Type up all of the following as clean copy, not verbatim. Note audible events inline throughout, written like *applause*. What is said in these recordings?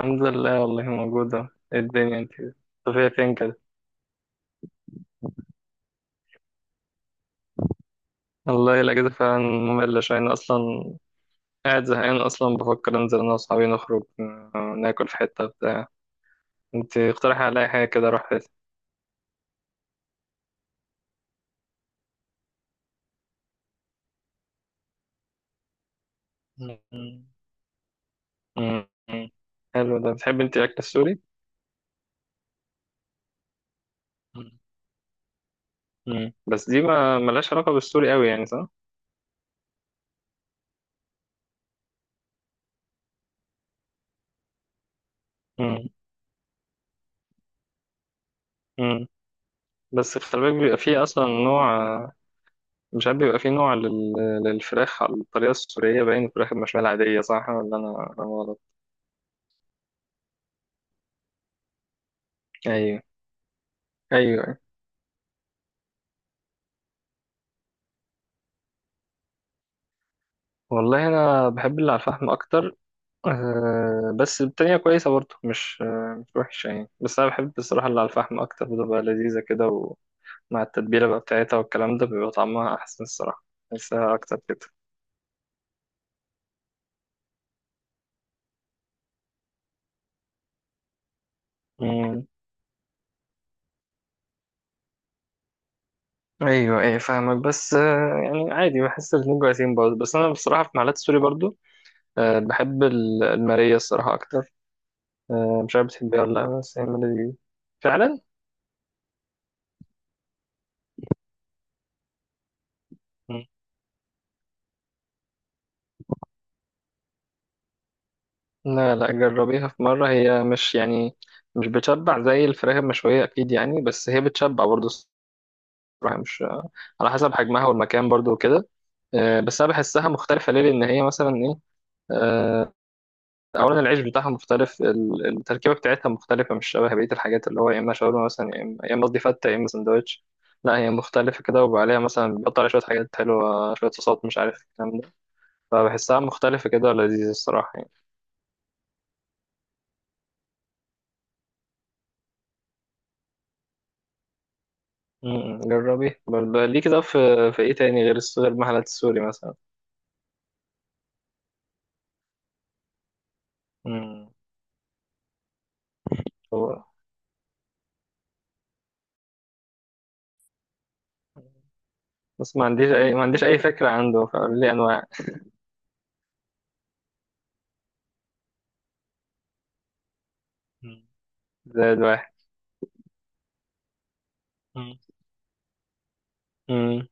الحمد لله، والله موجودة. إيه الدنيا انت طبيعي فين كده؟ والله الأجازة فعلا مملة شوية. أنا أصلا قاعد زهقان أصلا، بفكر أنزل أنا وأصحابي نخرج ناكل في حتة بتاع. انت اقترحي عليا حاجة كده أروح فيها. مم. مم. حلو. ده بتحب انت الأكل السوري؟ مم. مم. بس دي ما ملهاش علاقة بالسوري أوي يعني، صح؟ مم. مم. بس خلي بالك بيبقى فيه أصلا نوع، مش عارف، بيبقى فيه نوع للفراخ على الطريقة السورية، باين الفراخ المشوية العادية، صح ولا أنا أنا غلط؟ ايوه. ايوه أيوة. والله انا بحب اللي على الفحم اكتر. أه، بس التانية كويسة برضه، مش مش وحشة يعني، بس انا بحب الصراحة اللي على الفحم اكتر، بتبقى لذيذة كده. ومع التتبيلة بقى بتاعتها والكلام ده بيبقى طعمها احسن الصراحة، بحسها اكتر كده. مم. ايوه، فاهمك، بس يعني عادي بحس الاتنين كويسين برضه، بس انا بصراحة في محلات السوري برضه، أه بحب المارية الصراحة اكتر. أه، مش عارف بتحبيها ولا لا، بس هي المارية دي فعلا. لا لا، جربيها في مرة. هي مش يعني مش بتشبع زي الفراخ المشوية أكيد يعني، بس هي بتشبع برضه الصراحة. مش، على حسب حجمها والمكان برضه وكده. بس أنا بحسها مختلفة ليه؟ لأن هي مثلا إيه، آه، أولا العيش بتاعها مختلف، التركيبة بتاعتها مختلفة، مش شبه بقية الحاجات اللي هو يا إما شاورما مثلا، يا إما قصدي فتة، يا إما سندوتش. لا، هي مختلفة كده، وعليها مثلا بيحط عليها شوية حاجات حلوة، شوية صوصات مش عارف الكلام ده. فبحسها مختلفة كده ولذيذة الصراحة يعني. مم. جربي برضه. ليه كده في في ايه تاني غير غير المحلات السوري مثلا؟ مم. هو بس ما عنديش اي فكرة عنده، فقول لي انواع. مم. زائد واحد. مم. مم.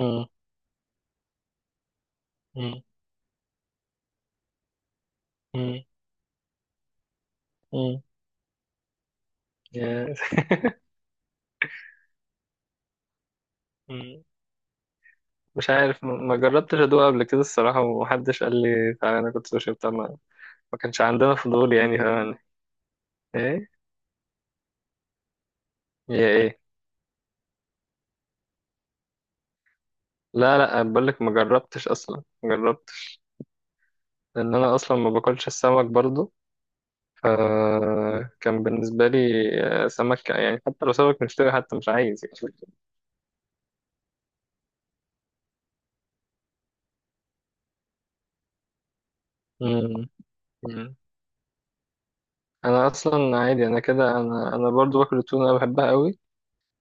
مم. مم. مم. مم. يا- *laughs* مم. مش عارف، ما جربتش ادوق قبل كده الصراحة، ومحدش قال لي تعالى. انا كنت سوشي بتاع ما ما كانش عندنا فضول يعني، فاهم؟ ايه؟ يا ايه؟ لا لا، بقول لك ما جربتش اصلا، ما جربتش، لان انا اصلا ما باكلش السمك برضه. فكان بالنسبة لي سمك يعني، حتى لو سمك مشتري، حتى مش عايز يعني. مم. مم. أنا أصلا عادي. أنا كده، أنا برضو باكل التونة، أنا بحبها قوي.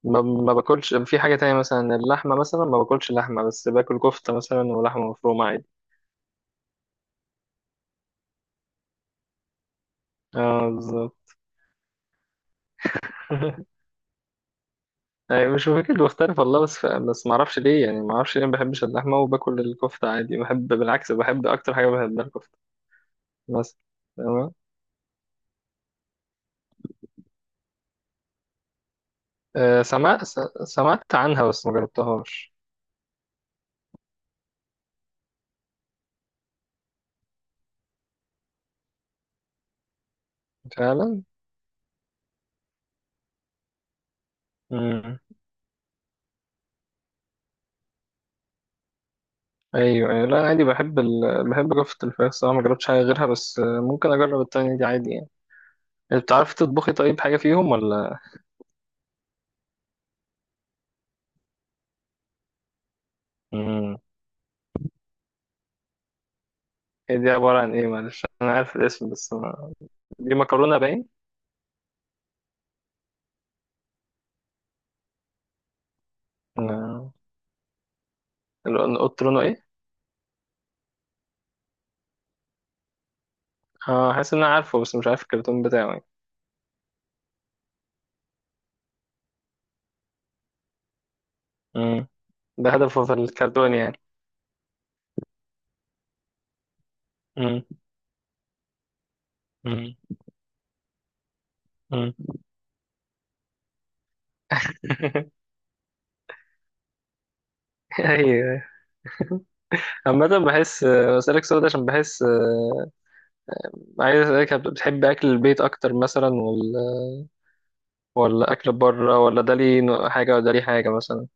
ما باكلش في حاجة تانية مثلا، اللحمة مثلا ما باكلش لحمة، بس باكل كفتة مثلا ولحمة مفرومة عادي. اه بالظبط. *laughs* يعني مش فاكر بختلف والله، بس ما اعرفش ليه يعني، ما اعرفش ليه ما بحبش اللحمه، وباكل الكفته عادي، بحب، بالعكس بحب اكتر حاجه بحبها الكفته. بس، تمام. سمعت سمعت عنها، بس ما جربتهاش. فعلا. مم. ايوه ايوه، لا عادي، بحب بحب رفة الفراخ صراحة، ما جربتش حاجة غيرها، بس ممكن اجرب التانية دي عادي يعني. انت بتعرفي تطبخي طيب حاجة فيهم ولا؟ مم. هي دي عبارة عن ايه؟ معلش انا عارف الاسم بس ما... دي مكرونة باين. آه، اللي قلت لونه ايه؟ اه، حاسس ان انا عارفه، بس مش عارف الكرتون بتاعه يعني. مم. ده هدفه في الكرتون يعني؟ مم. مم. مم. *laughs* ايوه. عامة بحس بسألك سؤال ده عشان بحس عايز اسألك، بتحب اكل البيت اكتر مثلا ولا اكل بره؟ ولا ده ليه حاجه ولا ده ليه حاجه مثلا؟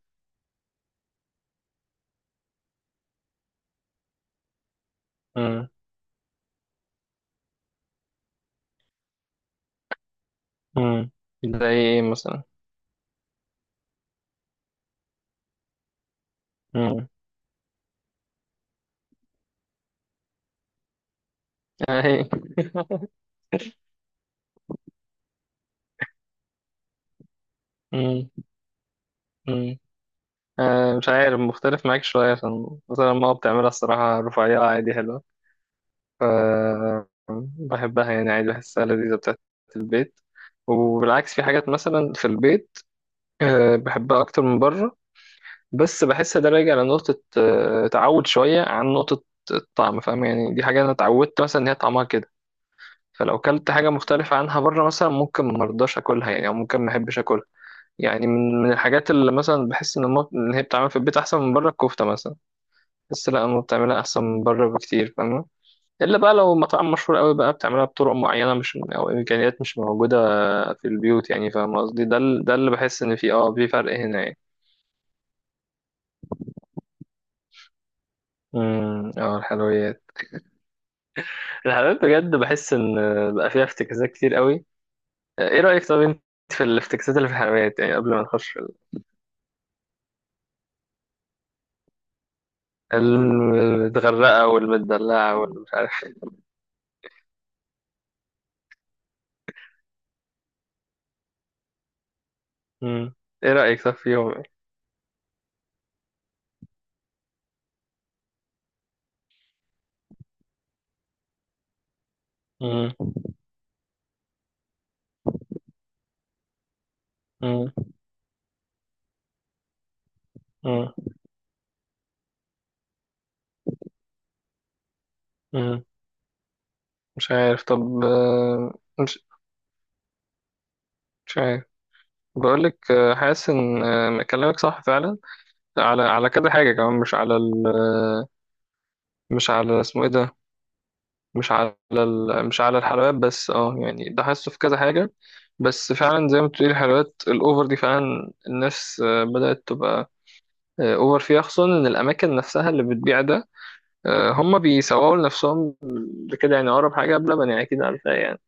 امم. امم. ده ايه مثلا؟ امم. اهي. امم. امم. آه مش عارف، مختلف معاك شويه، عشان مثلا ماما بتعملها الصراحه رفيعه عادي حلوه، ف بحبها يعني عادي، بحسها لذيذه بتاعت البيت. وبالعكس في حاجات مثلا في البيت آه بحبها اكتر من بره، بس بحس ده راجع لنقطه آه تعود شويه، عن نقطه الطعم، فاهم يعني؟ دي حاجه انا اتعودت مثلا ان هي طعمها كده، فلو كلت حاجة مختلفة عنها بره مثلا ممكن مرضاش أكلها يعني، أو ممكن محبش أكلها يعني. من من الحاجات اللي مثلا بحس إن إن هي بتتعمل في البيت أحسن من بره، الكفتة مثلا، بحس لأ، أمي بتعملها أحسن من بره بكتير، فاهمة؟ إلا بقى لو مطعم مشهور أوي بقى بتعملها بطرق معينة، مش، أو إمكانيات مش موجودة في البيوت يعني، فاهم قصدي؟ ده ده اللي بحس إن فيه أه في فرق هنا يعني. امم. اه الحلويات. الحلويات بجد بحس إن بقى فيها افتكاسات كتير أوي. إيه رأيك طب أنت في الافتكاسات اللي في الحلويات يعني قبل ما نخش؟ المتغرقة والمتدلعة والمش عارف. مم. ايه رأيك؟ صح فيهم ايه. مم. مم. مم. مم. مش عارف طب مش مش عارف، بقولك حاسس ان كلامك صح فعلا، على على كذا حاجة كمان. مش على ال آه، مش على اسمه ايه ده، مش على مش على الحلويات بس. اه يعني ده حاسه في كذا حاجة، بس فعلا زي ما بتقولي الحلويات الأوفر دي فعلا الناس بدأت تبقى أوفر فيها. خصوصا إن الأماكن نفسها اللي بتبيع ده هم بيسوقوا لنفسهم بكده يعني. أقرب حاجة بلبن يعني، أكيد عارفها يعني،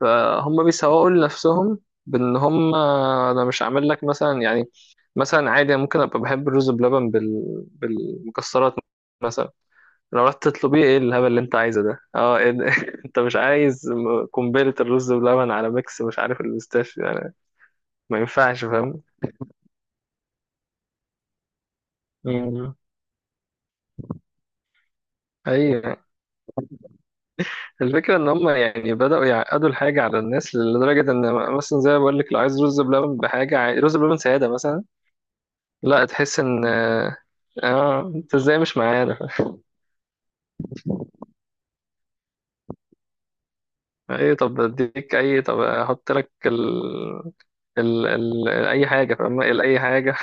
فهم بيسوقوا لنفسهم بإن هم، أنا مش عامل لك مثلا يعني، مثلا عادي ممكن أبقى بحب الرز بلبن بالمكسرات مثلا، لو رحت تطلبيه، إيه الهبل اللي أنت عايزه ده؟ أه إيه ده؟ *laughs* أنت مش عايز قنبلة الرز بلبن على ميكس مش عارف البيستاشيو يعني، ما ينفعش، فاهم؟ مم. أيوه. الفكرة إن هم يعني بدأوا يعقدوا الحاجة على الناس لدرجة إن مثلا زي ما بقول لك، لو عايز رز بلبن بحاجة رز بلبن سادة مثلا، لا تحس إن أنت إزاي مش معانا؟ إيه طب أديك أي، طب أحط لك أي حاجة، فاهمة؟ أي حاجة.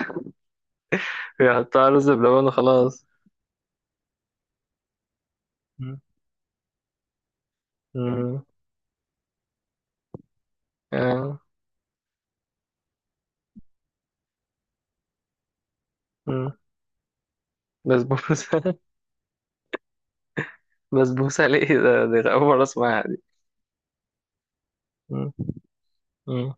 *laughs* يحطها رز بلبن وخلاص. مم. مم. آه. مم. بسبوسة. *laughs* بسبوسة ليه ده؟ دي أول مرة أسمعها دي. مم. مم.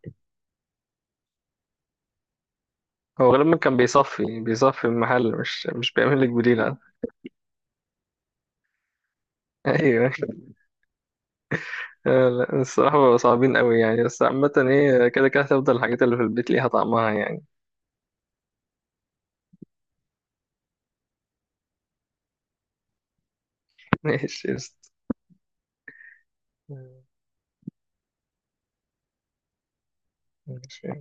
هو غالبا كان بيصفي، المحل مش بيعمل لك بديل. ايوه. لا الصراحه بقوا صعبين قوي يعني، بس عامه هي كده كده هتفضل الحاجات اللي في البيت ليها طعمها يعني. *laughs* ماشي قشطة. ماشي.